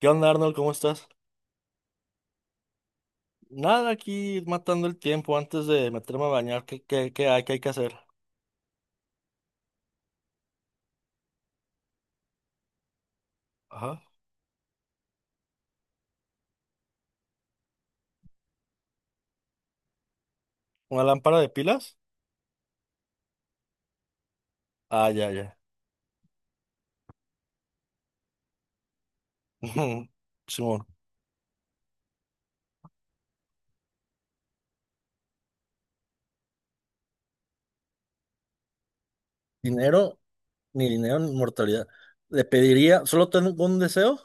¿Qué onda, Arnold? ¿Cómo estás? Nada, aquí matando el tiempo antes de meterme a bañar. ¿Qué hay, qué hay que hacer? Ajá. ¿Una lámpara de pilas? Ah, ya, ya. Simón. Dinero, dinero ni inmortalidad. Le pediría, solo tengo un deseo.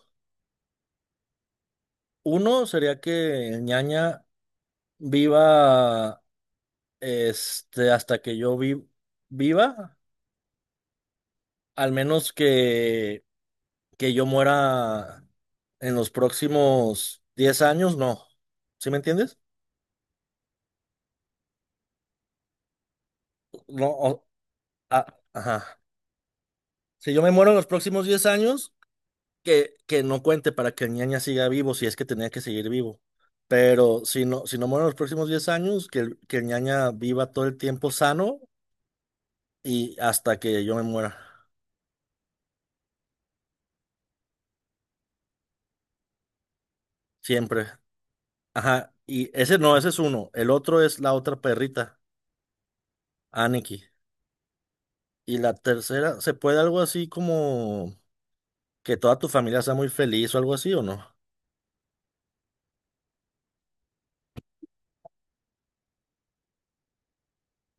Uno sería que Ñaña viva hasta que viva, al menos que yo muera en los próximos 10 años, no. ¿Sí me entiendes? No, o- Ah, ajá. Si yo me muero en los próximos 10 años, que no cuente para que el ñaña siga vivo, si es que tenía que seguir vivo. Pero si no, si no muero en los próximos 10 años, que el ñaña viva todo el tiempo sano y hasta que yo me muera. Siempre. Ajá. Y ese no, ese es uno. El otro es la otra perrita, Aniki. Y la tercera, ¿se puede algo así como que toda tu familia sea muy feliz o algo así o no?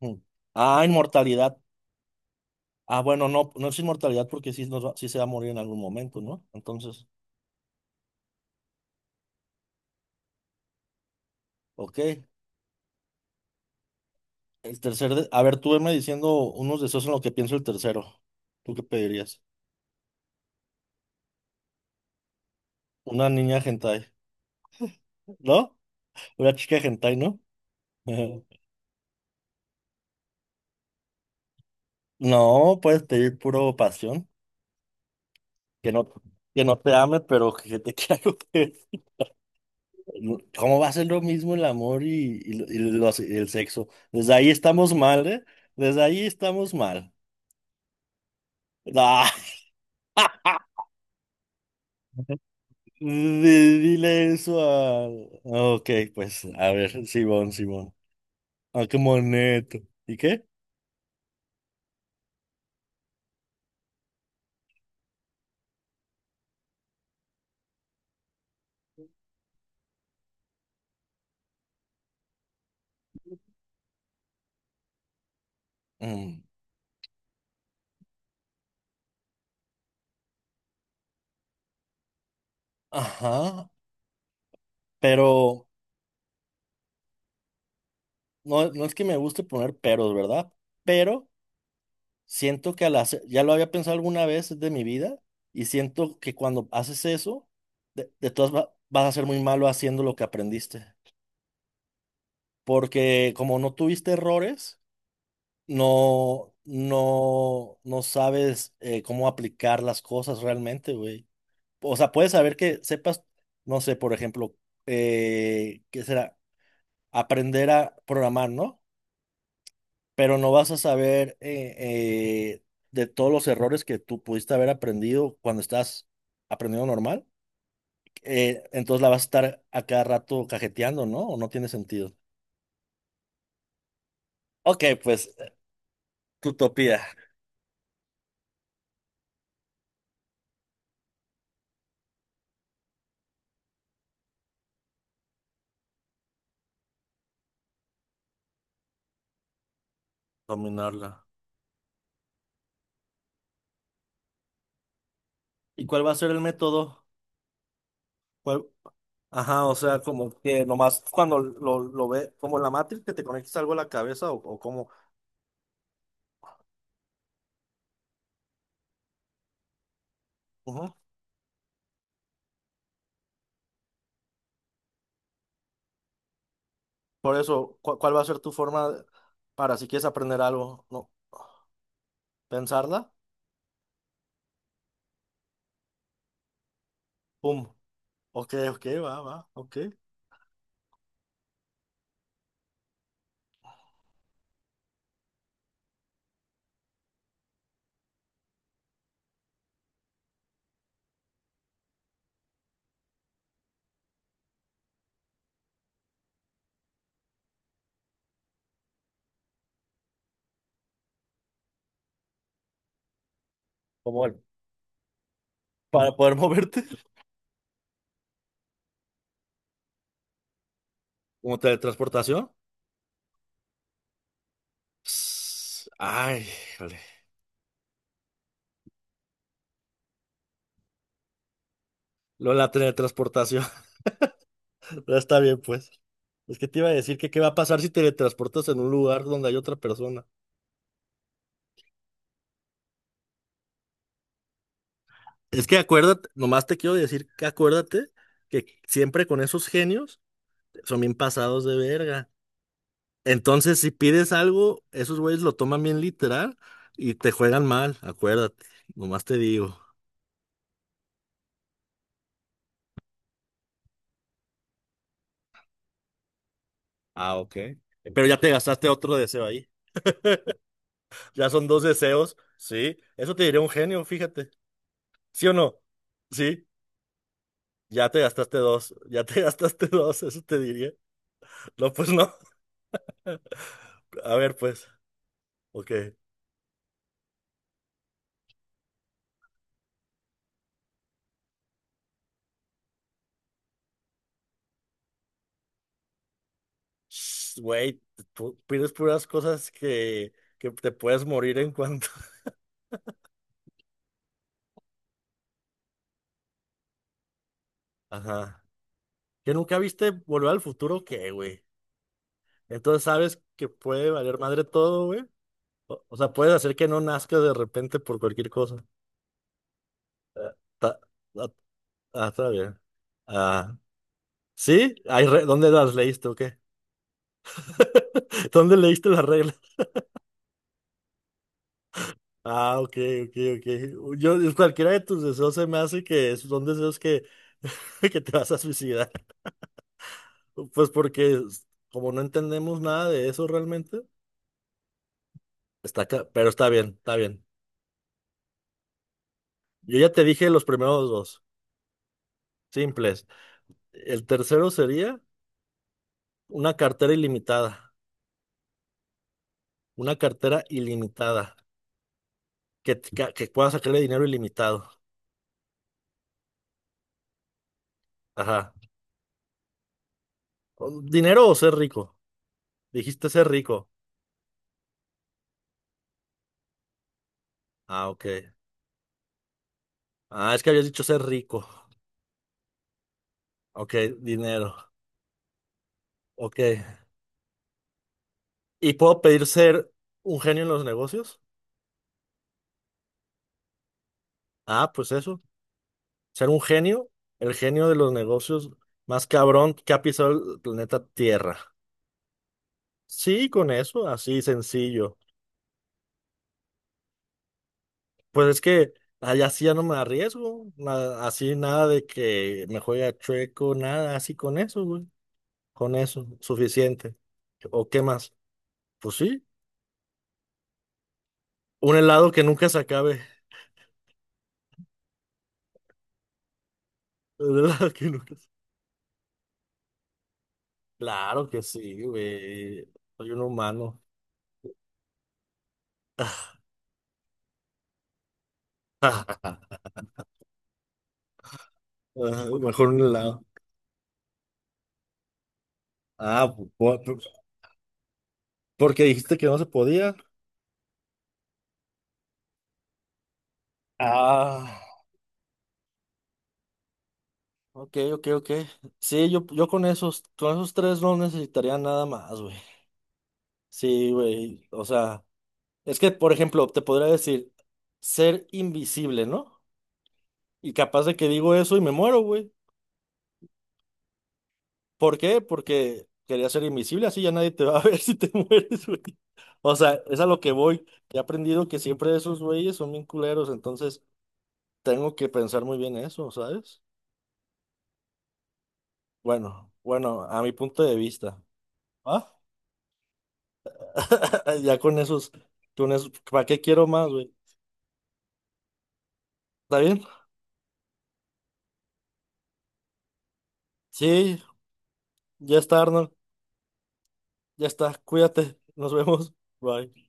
Mm. Ah, inmortalidad. Ah, bueno, no, no es inmortalidad porque sí, sí se va a morir en algún momento, ¿no? Entonces, ok. A ver, tú veme diciendo unos deseos en lo que pienso el tercero. ¿Tú qué pedirías? Una niña hentai, ¿no? Una chica hentai, ¿no? No, puedes pedir puro pasión, que no, que no te ame, pero que te quiera coger. No, ¿cómo va a ser lo mismo el amor y el sexo? Desde ahí estamos mal, ¿eh? Desde ahí estamos mal. Ah. Dile eso a... ah, ok, pues a ver, Simón, Simón. Ah, qué moneto. ¿Y qué? Mm, ajá, pero no es que me guste poner peros, ¿verdad? Pero siento que al hacer, ya lo había pensado alguna vez de mi vida y siento que cuando haces eso, de vas a ser muy malo haciendo lo que aprendiste. Porque como no tuviste errores, no sabes cómo aplicar las cosas realmente, güey. O sea, puedes saber que sepas, no sé, por ejemplo, ¿qué será? Aprender a programar, ¿no? Pero no vas a saber eh, de todos los errores que tú pudiste haber aprendido cuando estás aprendiendo normal. Entonces la vas a estar a cada rato cajeteando, ¿no? O no tiene sentido. Ok, pues, utopía. Dominarla. ¿Y cuál va a ser el método? ¿Cuál- Ajá, o sea, como que nomás cuando lo ve, como en la Matrix, que te conectes algo a la cabeza o como... Por eso, ¿cuál va a ser tu forma de para si quieres aprender algo? No, pensarla, pum, ok, ok, va, va, ok. Como el- para poder moverte. Como teletransportación. Ps, ay, híjole. Lo de la teletransportación, pero está bien, pues. Es que te iba a decir que qué va a pasar si teletransportas en un lugar donde hay otra persona. Es que acuérdate, nomás te quiero decir que acuérdate que siempre con esos genios son bien pasados de verga. Entonces, si pides algo, esos güeyes lo toman bien literal y te juegan mal, acuérdate, nomás te digo. Ah, ok. Pero ya te gastaste otro deseo ahí. Ya son dos deseos, sí. Eso te diría un genio, fíjate. ¿Sí o no? Sí, ya te gastaste dos, ya te gastaste dos, eso te diría. No, pues no. A ver, pues, ok. Shh, güey, tú pides puras cosas que te puedes morir en cuanto. Ajá. ¿Que nunca viste Volver al Futuro? ¿Qué, güey? Entonces sabes que puede valer madre todo, güey. O sea, puedes hacer que no nazca de repente por cualquier cosa. Ah, ta- ah, ah, está bien. Ah, ¿sí? Ay, ¿dónde las leíste o qué? ¿Dónde leíste las reglas? Ah, ok, ok, ok. Yo, cualquiera de tus deseos se me hace que son deseos que, que te vas a suicidar. Pues porque como no entendemos nada de eso realmente, está acá, pero está bien, está bien. Yo ya te dije los primeros dos, simples. El tercero sería... Una cartera ilimitada. Una cartera ilimitada. Que pueda sacarle dinero ilimitado. Ajá. ¿Dinero o ser rico? Dijiste ser rico. Ah, ok. Ah, es que habías dicho ser rico. Ok, dinero. Ok. ¿Y puedo pedir ser un genio en los negocios? Ah, pues eso. Ser un genio, el genio de los negocios más cabrón que ha pisado el planeta Tierra. Sí, con eso, así sencillo. Pues es que allá sí ya no me arriesgo, así nada de que me juegue chueco, nada, así con eso, güey, con eso, suficiente. ¿O qué más? Pues sí, un helado que nunca se acabe, un helado que nunca se- Claro que sí, güey, soy un humano. Ah, mejor un helado. Ah, pu- pu- pu- Porque dijiste que no se podía. Ah, ok, ok, ok. Sí, yo con esos tres no necesitaría nada más, güey. Sí, güey, o sea. Es que, por ejemplo, te podría decir ser invisible, ¿no? Y capaz de que digo eso y me muero, güey. ¿Por qué? Porque quería ser invisible, así ya nadie te va a ver si te mueres, güey. O sea, es a lo que voy. He aprendido que siempre esos güeyes son bien culeros, entonces tengo que pensar muy bien eso, ¿sabes? Bueno, bueno, a mi punto de vista. ¿Ah? Ya con esos, ¿para qué quiero más, güey? ¿Está bien? Sí, ya está, Arnold. Ya está. Cuídate. Nos vemos. Bye.